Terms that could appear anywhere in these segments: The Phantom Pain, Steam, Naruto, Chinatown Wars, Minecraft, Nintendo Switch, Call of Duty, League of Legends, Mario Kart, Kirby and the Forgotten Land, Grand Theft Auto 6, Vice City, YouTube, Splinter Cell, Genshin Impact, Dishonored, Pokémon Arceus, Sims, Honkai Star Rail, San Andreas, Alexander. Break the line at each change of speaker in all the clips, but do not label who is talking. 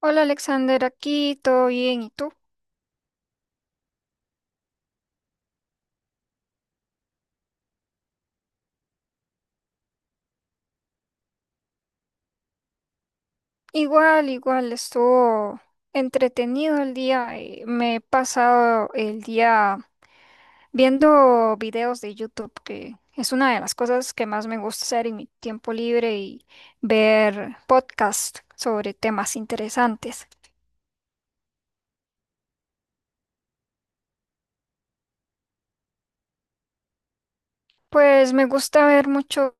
Hola Alexander, aquí todo bien, ¿y tú? Igual, igual, estuvo entretenido el día. Me he pasado el día viendo videos de YouTube, que es una de las cosas que más me gusta hacer en mi tiempo libre y ver podcasts sobre temas interesantes. Pues me gusta ver mucho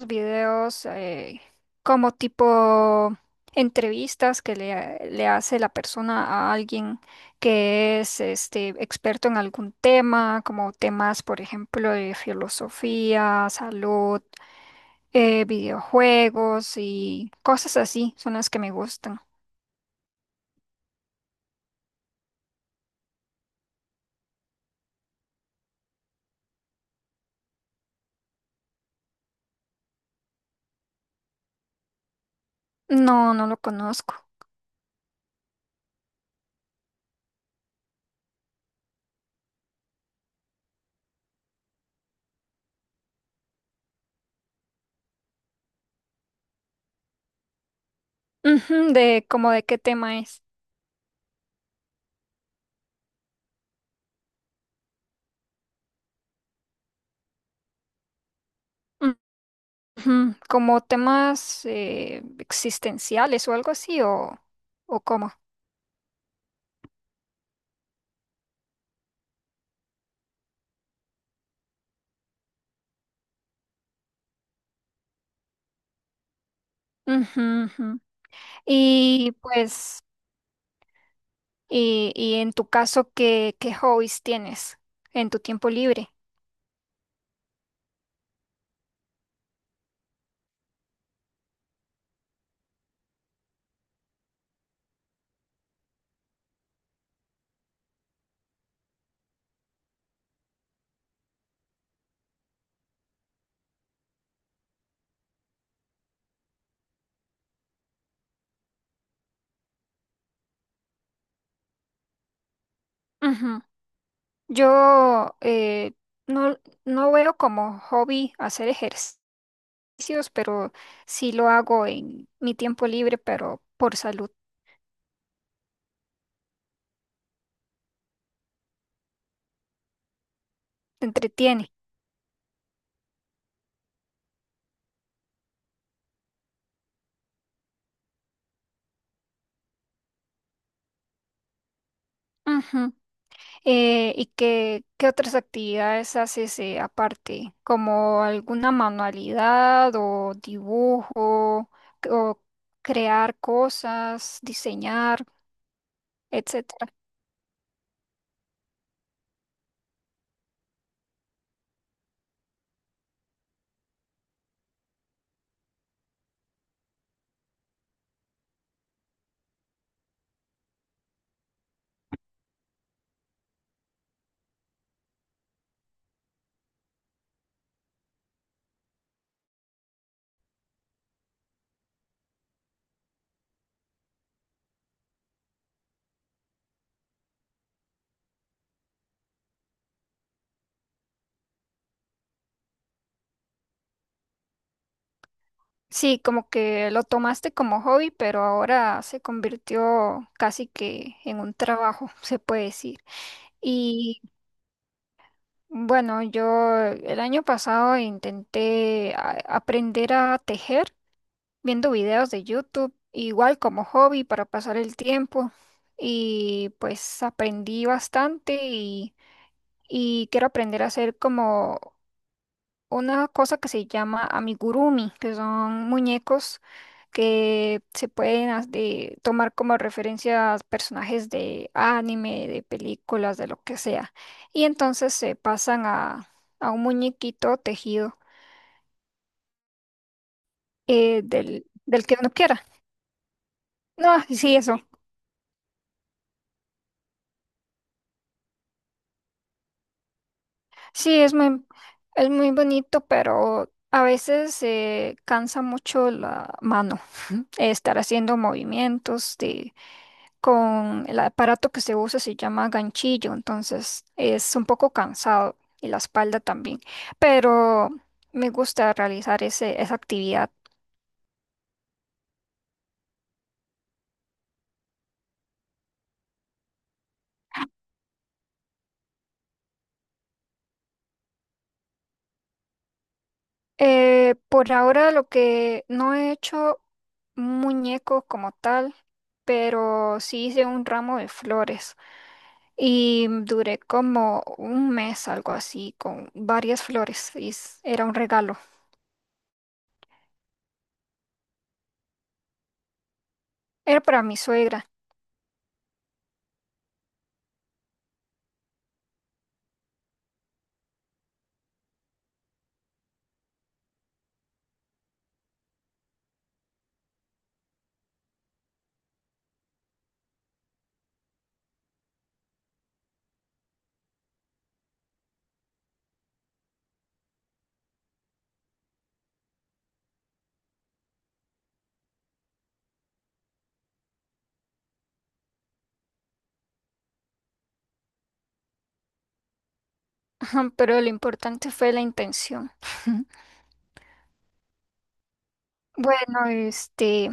videos como tipo entrevistas que le hace la persona a alguien que es este experto en algún tema, como temas, por ejemplo, de filosofía, salud, videojuegos y cosas así, son las que me gustan. No, no lo conozco. Ujú, de como de qué tema es. Ujú, como temas existenciales o algo así o cómo. Ujú, ujú. Y pues, y en tu caso, ¿qué, qué hobbies tienes en tu tiempo libre? Ujú. Yo no, no veo como hobby hacer ejercicios, pero sí lo hago en mi tiempo libre, pero por salud, te entretiene. Ujú. ¿Y qué, qué otras actividades haces aparte? ¿Como alguna manualidad o dibujo o crear cosas, diseñar? Etcétera. Sí, como que lo tomaste como hobby, pero ahora se convirtió casi que en un trabajo, se puede decir. Y bueno, yo el año pasado intenté aprender a tejer viendo videos de YouTube, igual como hobby para pasar el tiempo. Y pues aprendí bastante y quiero aprender a hacer como una cosa que se llama amigurumi, que son muñecos que se pueden tomar como referencias personajes de anime, de películas, de lo que sea. Y entonces se pasan a un muñequito tejido del que uno quiera. No, sí, eso. Sí, es muy, es muy bonito, pero a veces se cansa mucho la mano. Estar haciendo movimientos de, con el aparato que se usa se llama ganchillo, entonces es un poco cansado y la espalda también, pero me gusta realizar esa actividad. Por ahora lo que no he hecho un muñeco como tal, pero sí hice un ramo de flores y duré como un mes, algo así, con varias flores y era un regalo. Era para mi suegra. Pero lo importante fue la intención. Bueno, este,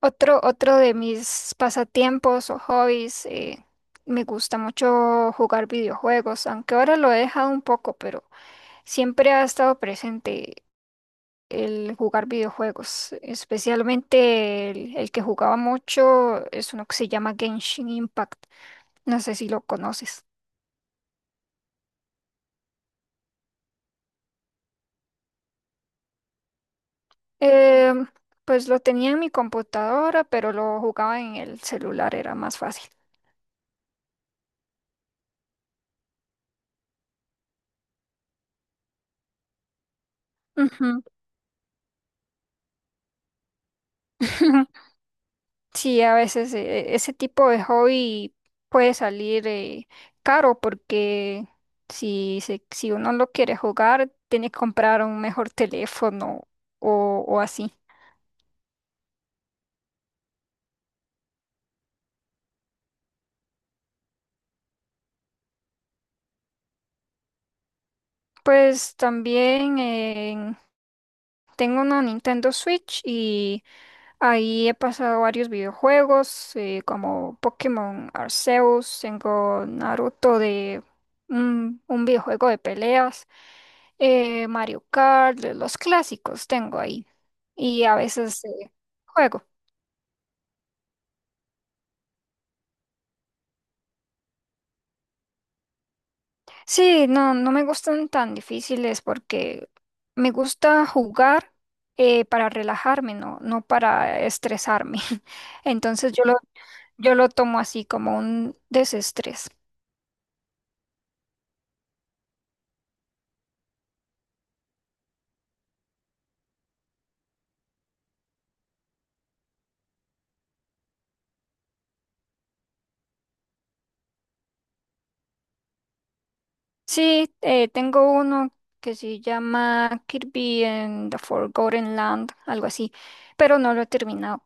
otro de mis pasatiempos o hobbies, me gusta mucho jugar videojuegos, aunque ahora lo he dejado un poco, pero siempre ha estado presente el jugar videojuegos, especialmente el que jugaba mucho es uno que se llama Genshin Impact, no sé si lo conoces. Em, pues lo tenía en mi computadora, pero lo jugaba en el celular, era más fácil. Ujú. Sí, a veces ese tipo de hobby puede salir caro porque si uno lo quiere jugar, tiene que comprar un mejor teléfono o así. Pues también tengo una Nintendo Switch y ahí he pasado varios videojuegos como Pokémon Arceus, tengo Naruto de un videojuego de peleas. Eh, Mario Kart, de los clásicos tengo ahí. Y a veces juego. Sí, no, no me gustan tan difíciles porque me gusta jugar para relajarme, no, no para estresarme. Entonces yo lo, yo lo tomo así como un desestrés. Sí, tengo uno que se llama Kirby and the Forgotten Land, algo así, pero no lo he terminado.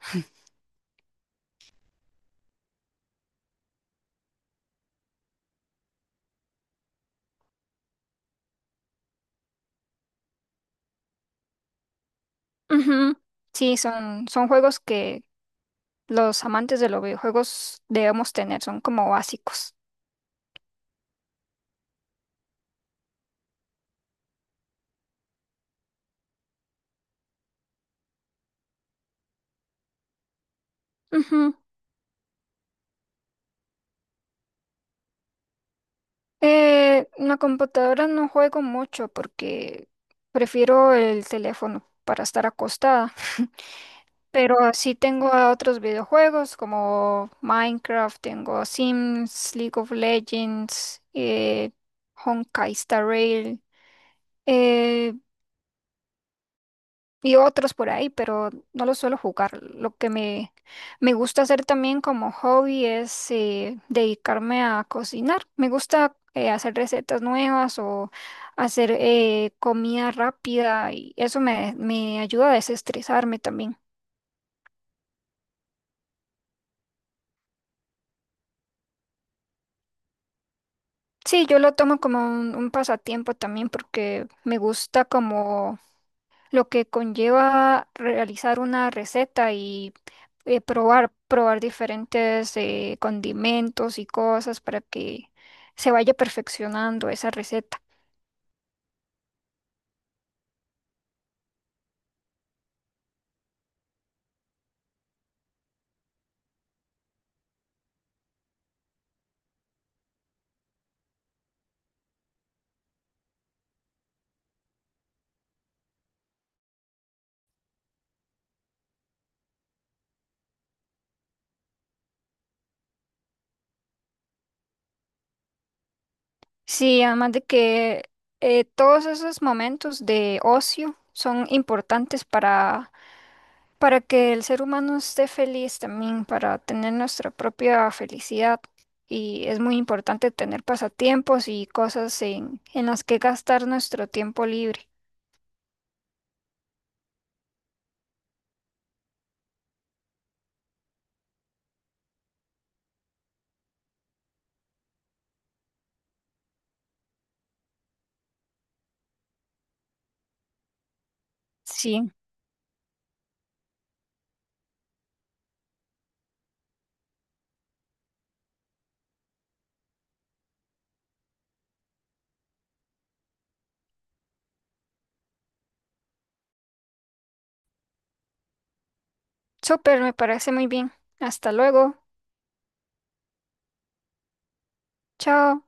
Ujú. Son juegos que los amantes de los videojuegos debemos tener, son como básicos. Ujú. En la computadora no juego mucho porque prefiero el teléfono para estar acostada, pero así tengo a otros videojuegos como Minecraft, tengo Sims, League of Legends, Honkai Star Rail. eh, y otros por ahí, pero no los suelo jugar. Me gusta hacer también como hobby es dedicarme a cocinar. Me gusta hacer recetas nuevas o hacer comida rápida y me ayuda a desestresarme también. Sí, yo lo tomo como un pasatiempo también porque me gusta como lo que conlleva realizar una receta y probar diferentes condimentos y cosas para que se vaya perfeccionando esa receta. Sí, además de que todos esos momentos de ocio son importantes para que el ser humano esté feliz también, para tener nuestra propia felicidad. Y es muy importante tener pasatiempos y cosas en las que gastar nuestro tiempo libre. Sí, súper, me parece muy bien. Hasta luego. Chao.